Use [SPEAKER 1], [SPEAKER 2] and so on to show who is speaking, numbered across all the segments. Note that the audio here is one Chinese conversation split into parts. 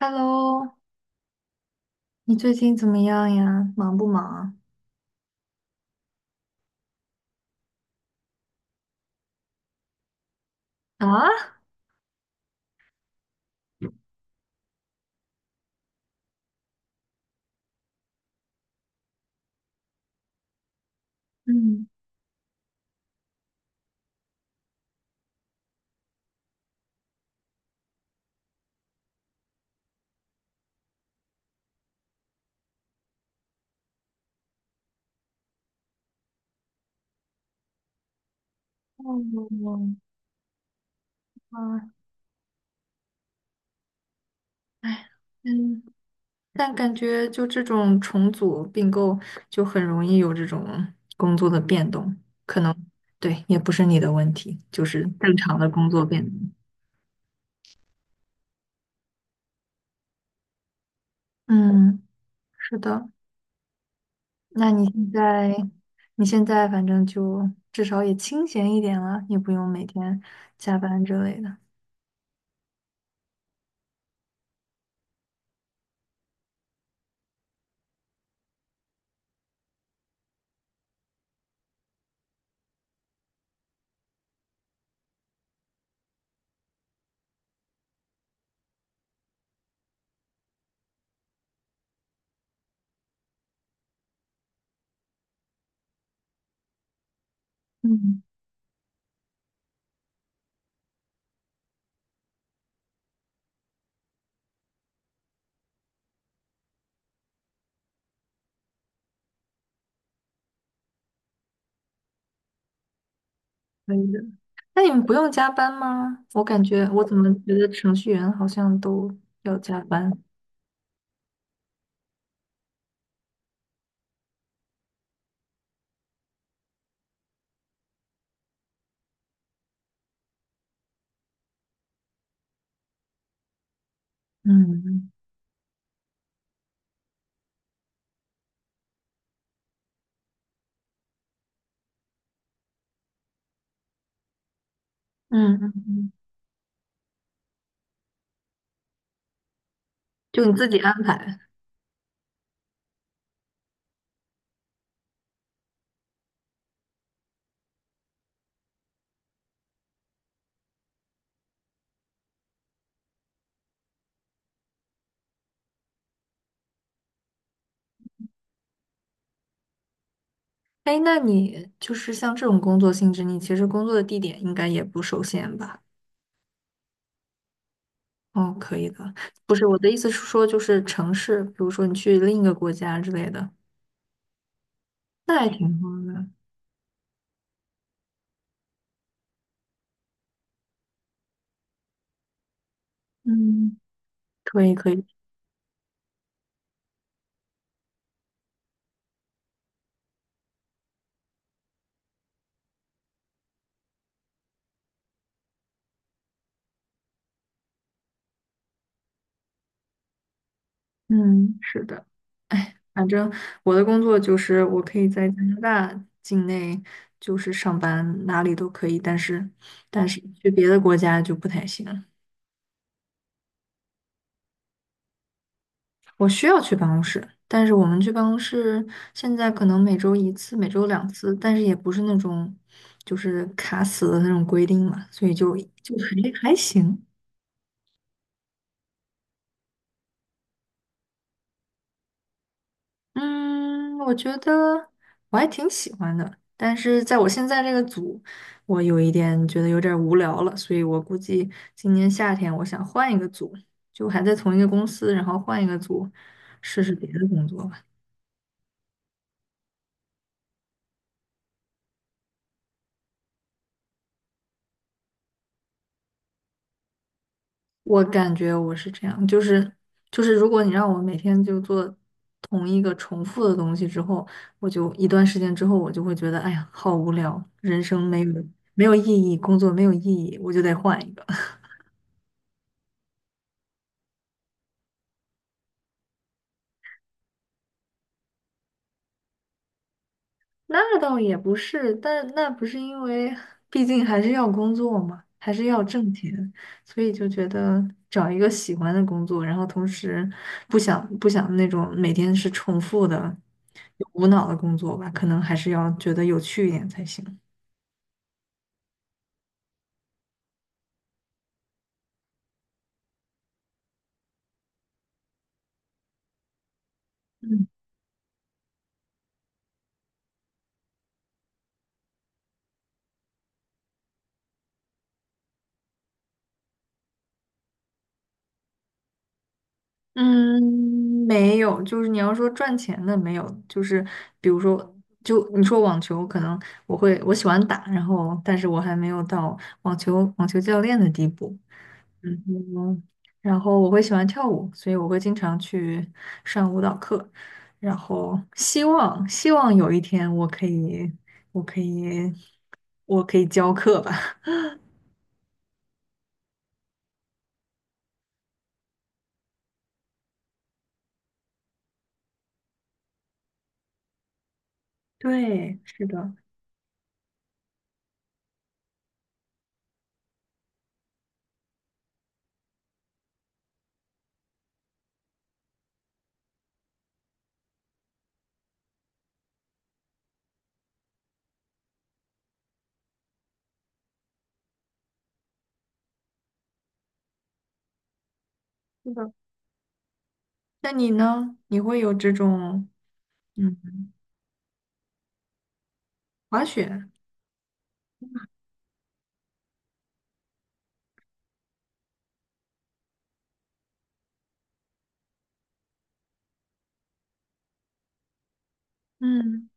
[SPEAKER 1] Hello，你最近怎么样呀？忙不忙啊？啊，嗯，哦，啊，哎，嗯，但感觉就这种重组并购，就很容易有这种工作的变动，可能对，也不是你的问题，就是正常的工作变动。嗯，是的。那你现在，你现在反正就至少也清闲一点了，也不用每天加班之类的。嗯，可以的。那你们不用加班吗？我感觉我怎么觉得程序员好像都要加班。嗯嗯嗯嗯，就你自己安排。哎，那你就是像这种工作性质，你其实工作的地点应该也不受限吧？哦，可以的。不是，我的意思是说，就是城市，比如说你去另一个国家之类的，那还挺好的。嗯，可以可以。嗯，是的。哎，反正我的工作就是我可以在加拿大境内就是上班，哪里都可以，但是去别的国家就不太行。我需要去办公室，但是我们去办公室现在可能每周一次，每周两次，但是也不是那种就是卡死的那种规定嘛，所以就还行。嗯，我觉得我还挺喜欢的，但是在我现在这个组，我有一点觉得有点儿无聊了，所以我估计今年夏天我想换一个组，就还在同一个公司，然后换一个组，试试别的工作吧。我感觉我是这样，就是如果你让我每天就做同一个重复的东西之后，我就一段时间之后，我就会觉得，哎呀，好无聊，人生没有意义，工作没有意义，我就得换一个。那倒也不是，但那不是因为，毕竟还是要工作嘛，还是要挣钱，所以就觉得找一个喜欢的工作，然后同时不想那种每天是重复的、无脑的工作吧，可能还是要觉得有趣一点才行。嗯，嗯，没有，就是你要说赚钱的没有，就是比如说，就你说网球，可能我喜欢打，然后但是我还没有到网球教练的地步。嗯哼，然后我会喜欢跳舞，所以我会经常去上舞蹈课，然后希望有一天我可以，我可以教课吧。对，是的，是的。那你呢？你会有这种嗯滑雪？嗯。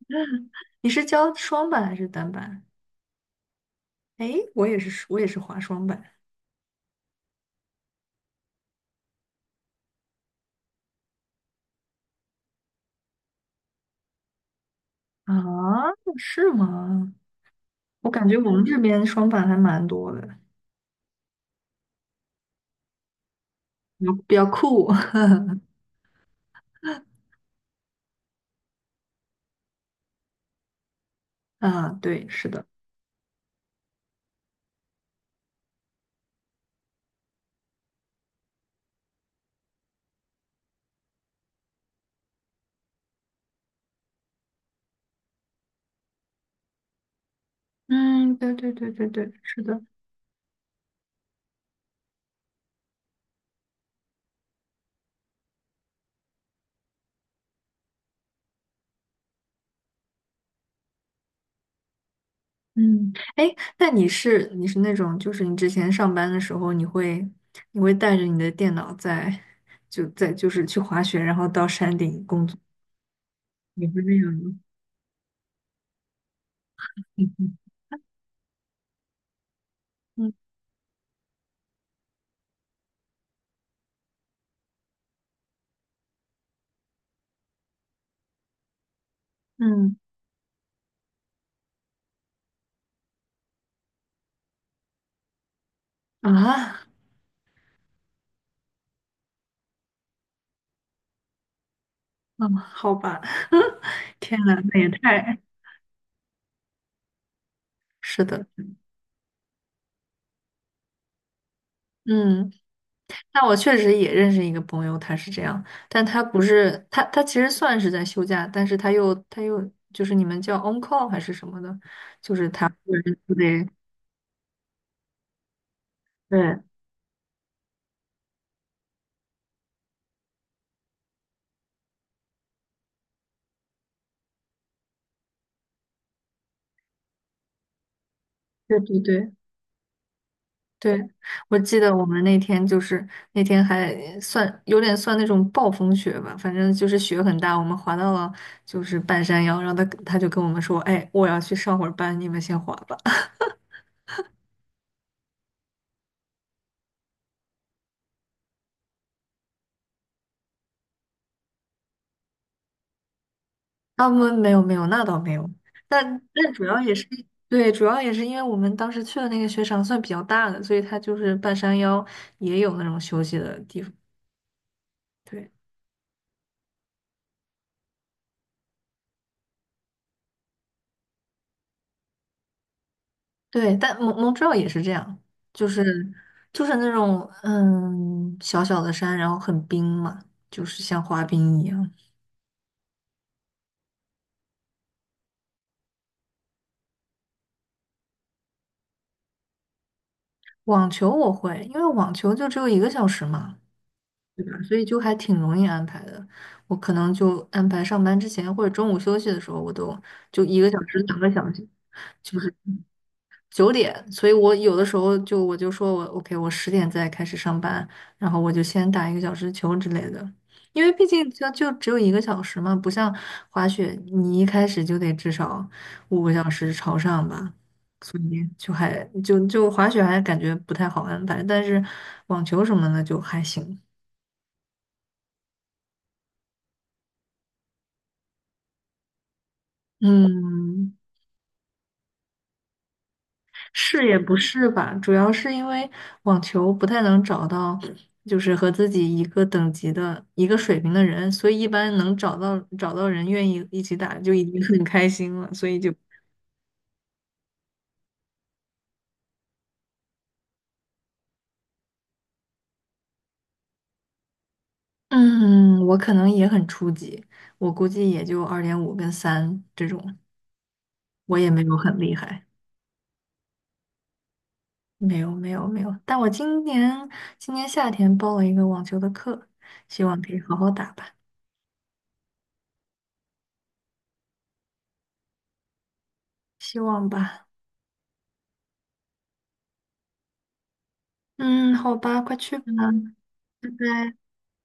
[SPEAKER 1] 你是教双板还是单板？哎，我也是滑双板啊。是吗？我感觉我们这边双板还蛮多的，比较酷。啊，对，是的。嗯，对对对对对，是的。嗯，哎，那你是那种，就是你之前上班的时候，你会带着你的电脑在就是去滑雪，然后到山顶工作，你会那样吗？嗯嗯嗯，啊，嗯，好吧。天呐，那也太是的。嗯，那我确实也认识一个朋友，他是这样，但他不是他他其实算是在休假，但是他又就是你们叫 on call 还是什么的。对对对对对对，我记得我们那天还算有点算那种暴风雪吧，反正就是雪很大，我们滑到了就是半山腰，然后他就跟我们说，哎，我要去上会儿班，你们先滑吧。啊，我没有没有，那倒没有。但但主要也是对，主要也是因为我们当时去的那个雪场算比较大的，所以它就是半山腰也有那种休息的地方。对。对，但蒙特利尔也是这样，就是就是那种小小的山，然后很冰嘛，就是像滑冰一样。网球我会，因为网球就只有一个小时嘛，对吧？所以就还挺容易安排的。我可能就安排上班之前或者中午休息的时候，我都就一个小时、2个小时。是。9点，所以我有的时候就我就说我 OK，我10点再开始上班，然后我就先打一个小时球之类的，因为毕竟就只有一个小时嘛，不像滑雪，你一开始就得至少5个小时朝上吧，所以就还就滑雪还感觉不太好安排，但是网球什么的就还行。嗯。是也不是吧，主要是因为网球不太能找到，就是和自己一个等级的、一个水平的人，所以一般能找到人愿意一起打就已经很开心了。所以就 嗯，我可能也很初级，我估计也就2.5跟3这种，我也没有很厉害，没有没有没有。但我今年夏天报了一个网球的课，希望可以好好打吧，希望吧。嗯，好吧，快去吧，拜拜。